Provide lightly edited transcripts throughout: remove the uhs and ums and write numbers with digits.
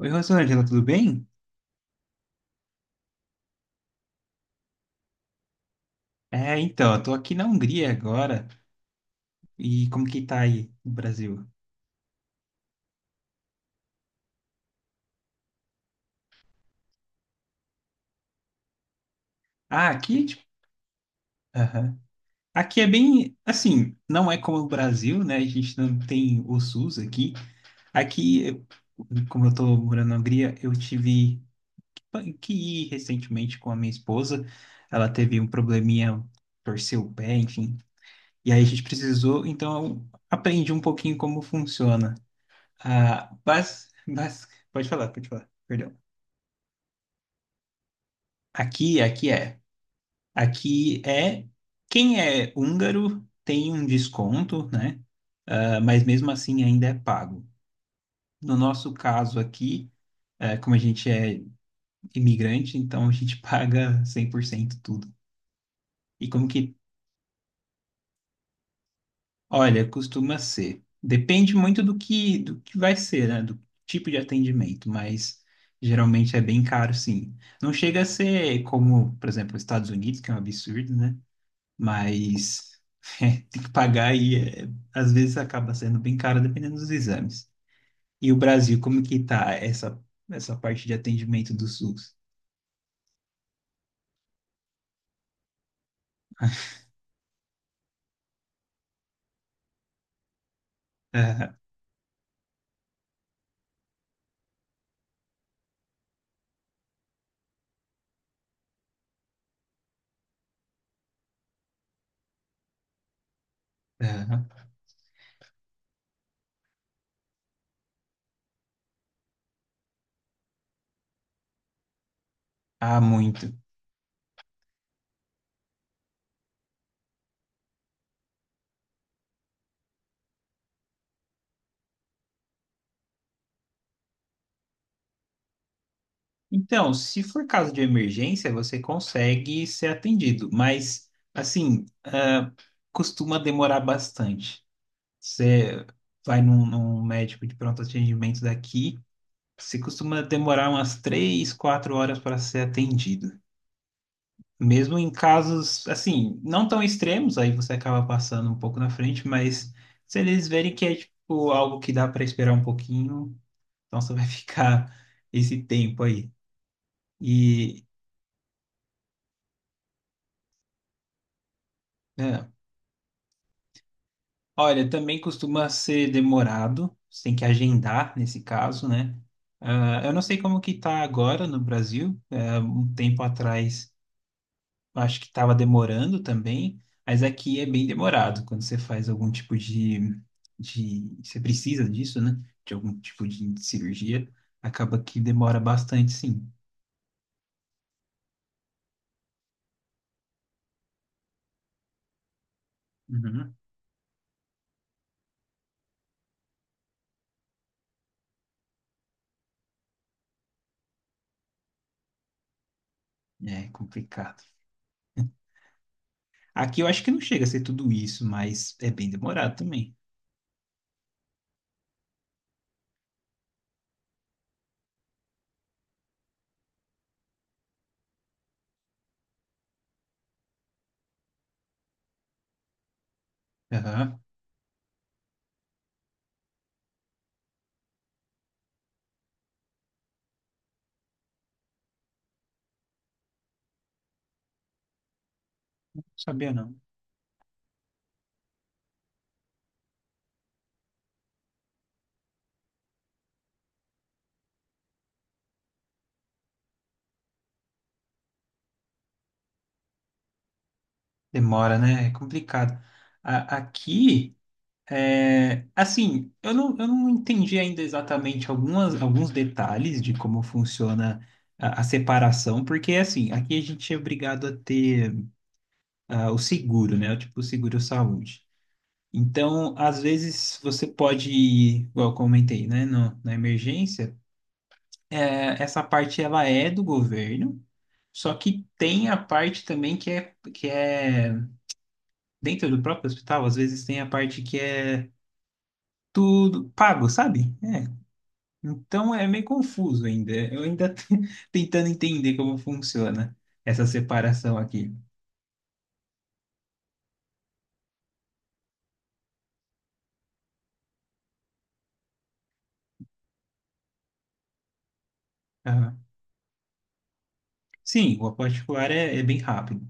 Oi, Rosângela, tudo bem? Eu tô aqui na Hungria agora. E como que tá aí no Brasil? Ah, aqui, tipo, aham. Aqui é bem, assim, não é como o Brasil, né? A gente não tem o SUS aqui. Aqui, como eu tô morando na Hungria, eu tive que ir recentemente com a minha esposa. Ela teve um probleminha, torceu o pé, enfim. E aí a gente precisou, então eu aprendi um pouquinho como funciona. Ah, pode falar, pode falar. Perdão. Aqui é. Aqui é. Quem é húngaro tem um desconto, né? Ah, mas mesmo assim ainda é pago. No nosso caso aqui, como a gente é imigrante, então a gente paga 100% tudo. E como que. Olha, costuma ser. Depende muito do que vai ser, né? Do tipo de atendimento, mas geralmente é bem caro, sim. Não chega a ser como, por exemplo, os Estados Unidos, que é um absurdo, né? Mas é, tem que pagar e é, às vezes acaba sendo bem caro dependendo dos exames. E o Brasil, como que tá essa parte de atendimento do SUS? Aham, aham. Ah, muito. Então, se for caso de emergência, você consegue ser atendido, mas assim, ah, costuma demorar bastante. Você vai num médico de pronto atendimento daqui, você costuma demorar umas três, quatro horas para ser atendido. Mesmo em casos, assim, não tão extremos, aí você acaba passando um pouco na frente, mas se eles verem que é, tipo, algo que dá para esperar um pouquinho, então você vai ficar esse tempo aí. E, é, olha, também costuma ser demorado, você tem que agendar nesse caso, né? Ah, eu não sei como que tá agora no Brasil, é, um tempo atrás acho que estava demorando também, mas aqui é bem demorado quando você faz algum tipo você precisa disso, né? De algum tipo de cirurgia, acaba que demora bastante, sim. Uhum. É complicado. Aqui eu acho que não chega a ser tudo isso, mas é bem demorado também. Aham. Não sabia não. Demora, né? É complicado. Aqui é, assim, eu não entendi ainda exatamente alguns detalhes de como funciona a separação, porque, assim, aqui a gente é obrigado a ter o seguro, né? O tipo seguro-saúde. Então, às vezes, você pode ir, igual eu comentei, né? Na emergência, é, essa parte, ela é do governo, só que tem a parte também que é dentro do próprio hospital, às vezes tem a parte que é tudo pago, sabe? É, então é meio confuso ainda. Eu ainda tô tentando entender como funciona essa separação aqui. Ah, sim, o particular é, é bem rápido.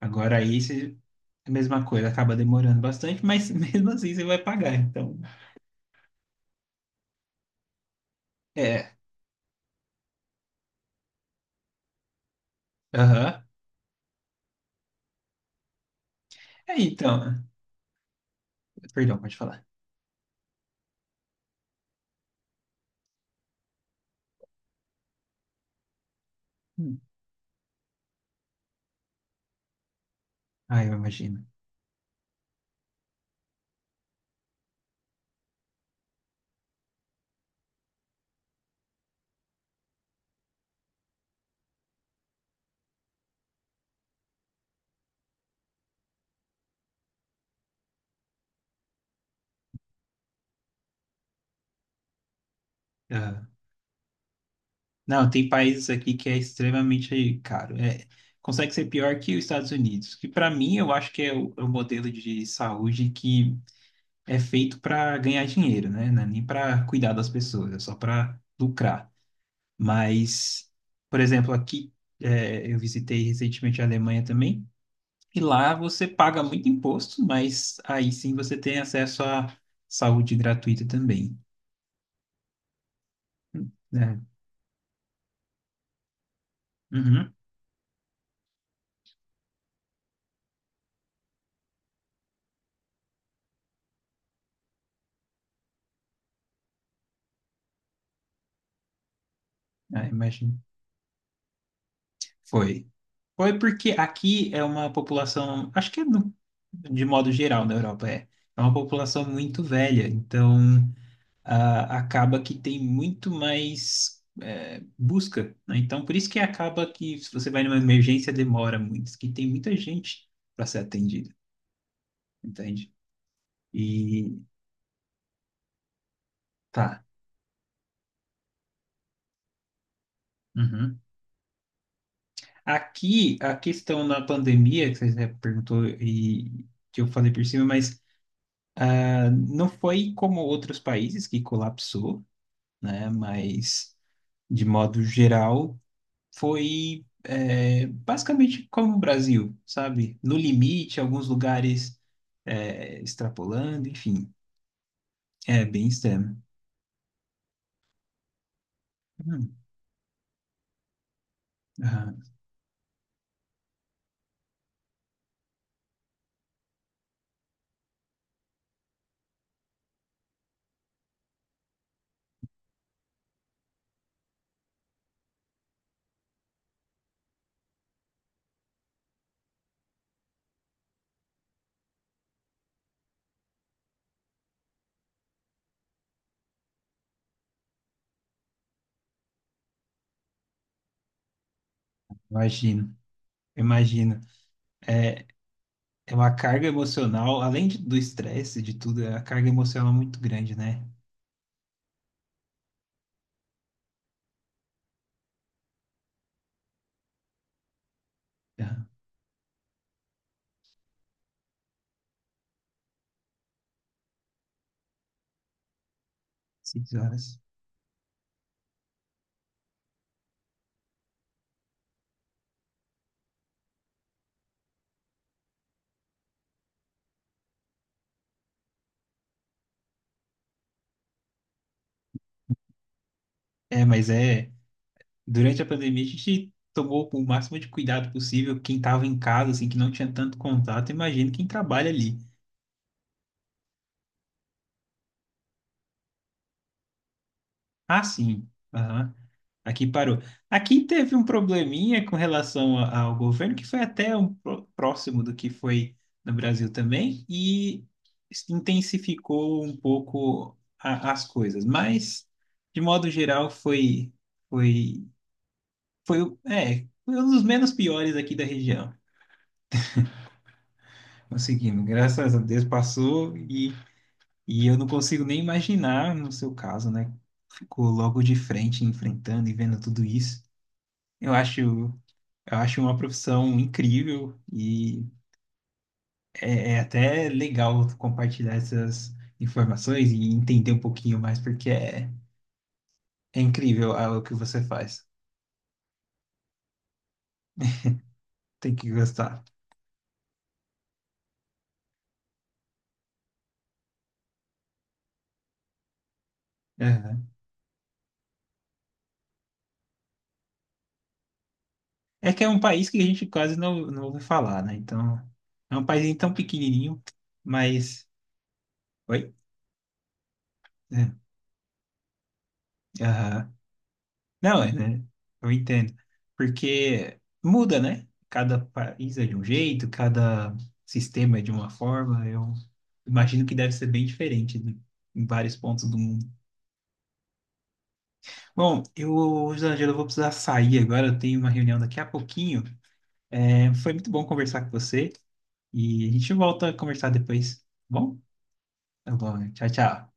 Agora aí você, a mesma coisa, acaba demorando bastante, mas mesmo assim você vai pagar. Então, é. Aham. É, então. Perdão, pode falar. Hum. Ah, eu imagino. Aham. Não, tem países aqui que é extremamente caro. É, consegue ser pior que os Estados Unidos, que para mim eu acho que é é o modelo de saúde que é feito para ganhar dinheiro, né? Não é nem para cuidar das pessoas, é só para lucrar. Mas, por exemplo, aqui é, eu visitei recentemente a Alemanha também, e lá você paga muito imposto, mas aí sim você tem acesso à saúde gratuita também, né? Uhum. Ah, imagino. Foi. Foi porque aqui é uma população, acho que é de modo geral na Europa, é, é uma população muito velha, então ah, acaba que tem muito mais busca, né? Então por isso que acaba que se você vai numa emergência demora muito, que tem muita gente para ser atendida, entende? E tá. Uhum. Aqui a questão da pandemia, que você perguntou e que eu falei por cima, mas ah, não foi como outros países que colapsou, né? Mas, de modo geral, foi é, basicamente como o Brasil, sabe? No limite, alguns lugares é, extrapolando, enfim, é bem extremo. Hum, ah, imagino, imagino. É, é uma carga emocional, do estresse, de tudo, é uma carga emocional muito grande, né? Ah, seis horas. É, mas é. Durante a pandemia, a gente tomou o máximo de cuidado possível. Quem estava em casa, assim, que não tinha tanto contato, imagina quem trabalha ali. Ah, sim. Aham. Aqui parou. Aqui teve um probleminha com relação ao governo, que foi até próximo do que foi no Brasil também, e intensificou um pouco as coisas. Mas, de modo geral, foi, foi um dos menos piores aqui da região. Conseguimos, graças a Deus passou. E eu não consigo nem imaginar, no seu caso, né? Ficou logo de frente, enfrentando e vendo tudo isso. Eu acho uma profissão incrível e é, é até legal compartilhar essas informações e entender um pouquinho mais, porque é, é incrível ah, o que você faz. Tem que gostar. Aham. É que é um país que a gente quase não, não ouve falar, né? Então, é um país tão pequenininho, mas... Oi? É. Aham. Não, é, né? Eu entendo. Porque muda, né? Cada país é de um jeito, cada sistema é de uma forma. Eu imagino que deve ser bem diferente em vários pontos do mundo. Bom, eu, Angela, eu vou precisar sair agora. Eu tenho uma reunião daqui a pouquinho. É, foi muito bom conversar com você e a gente volta a conversar depois. Tá bom, tá bom. Tchau, tchau.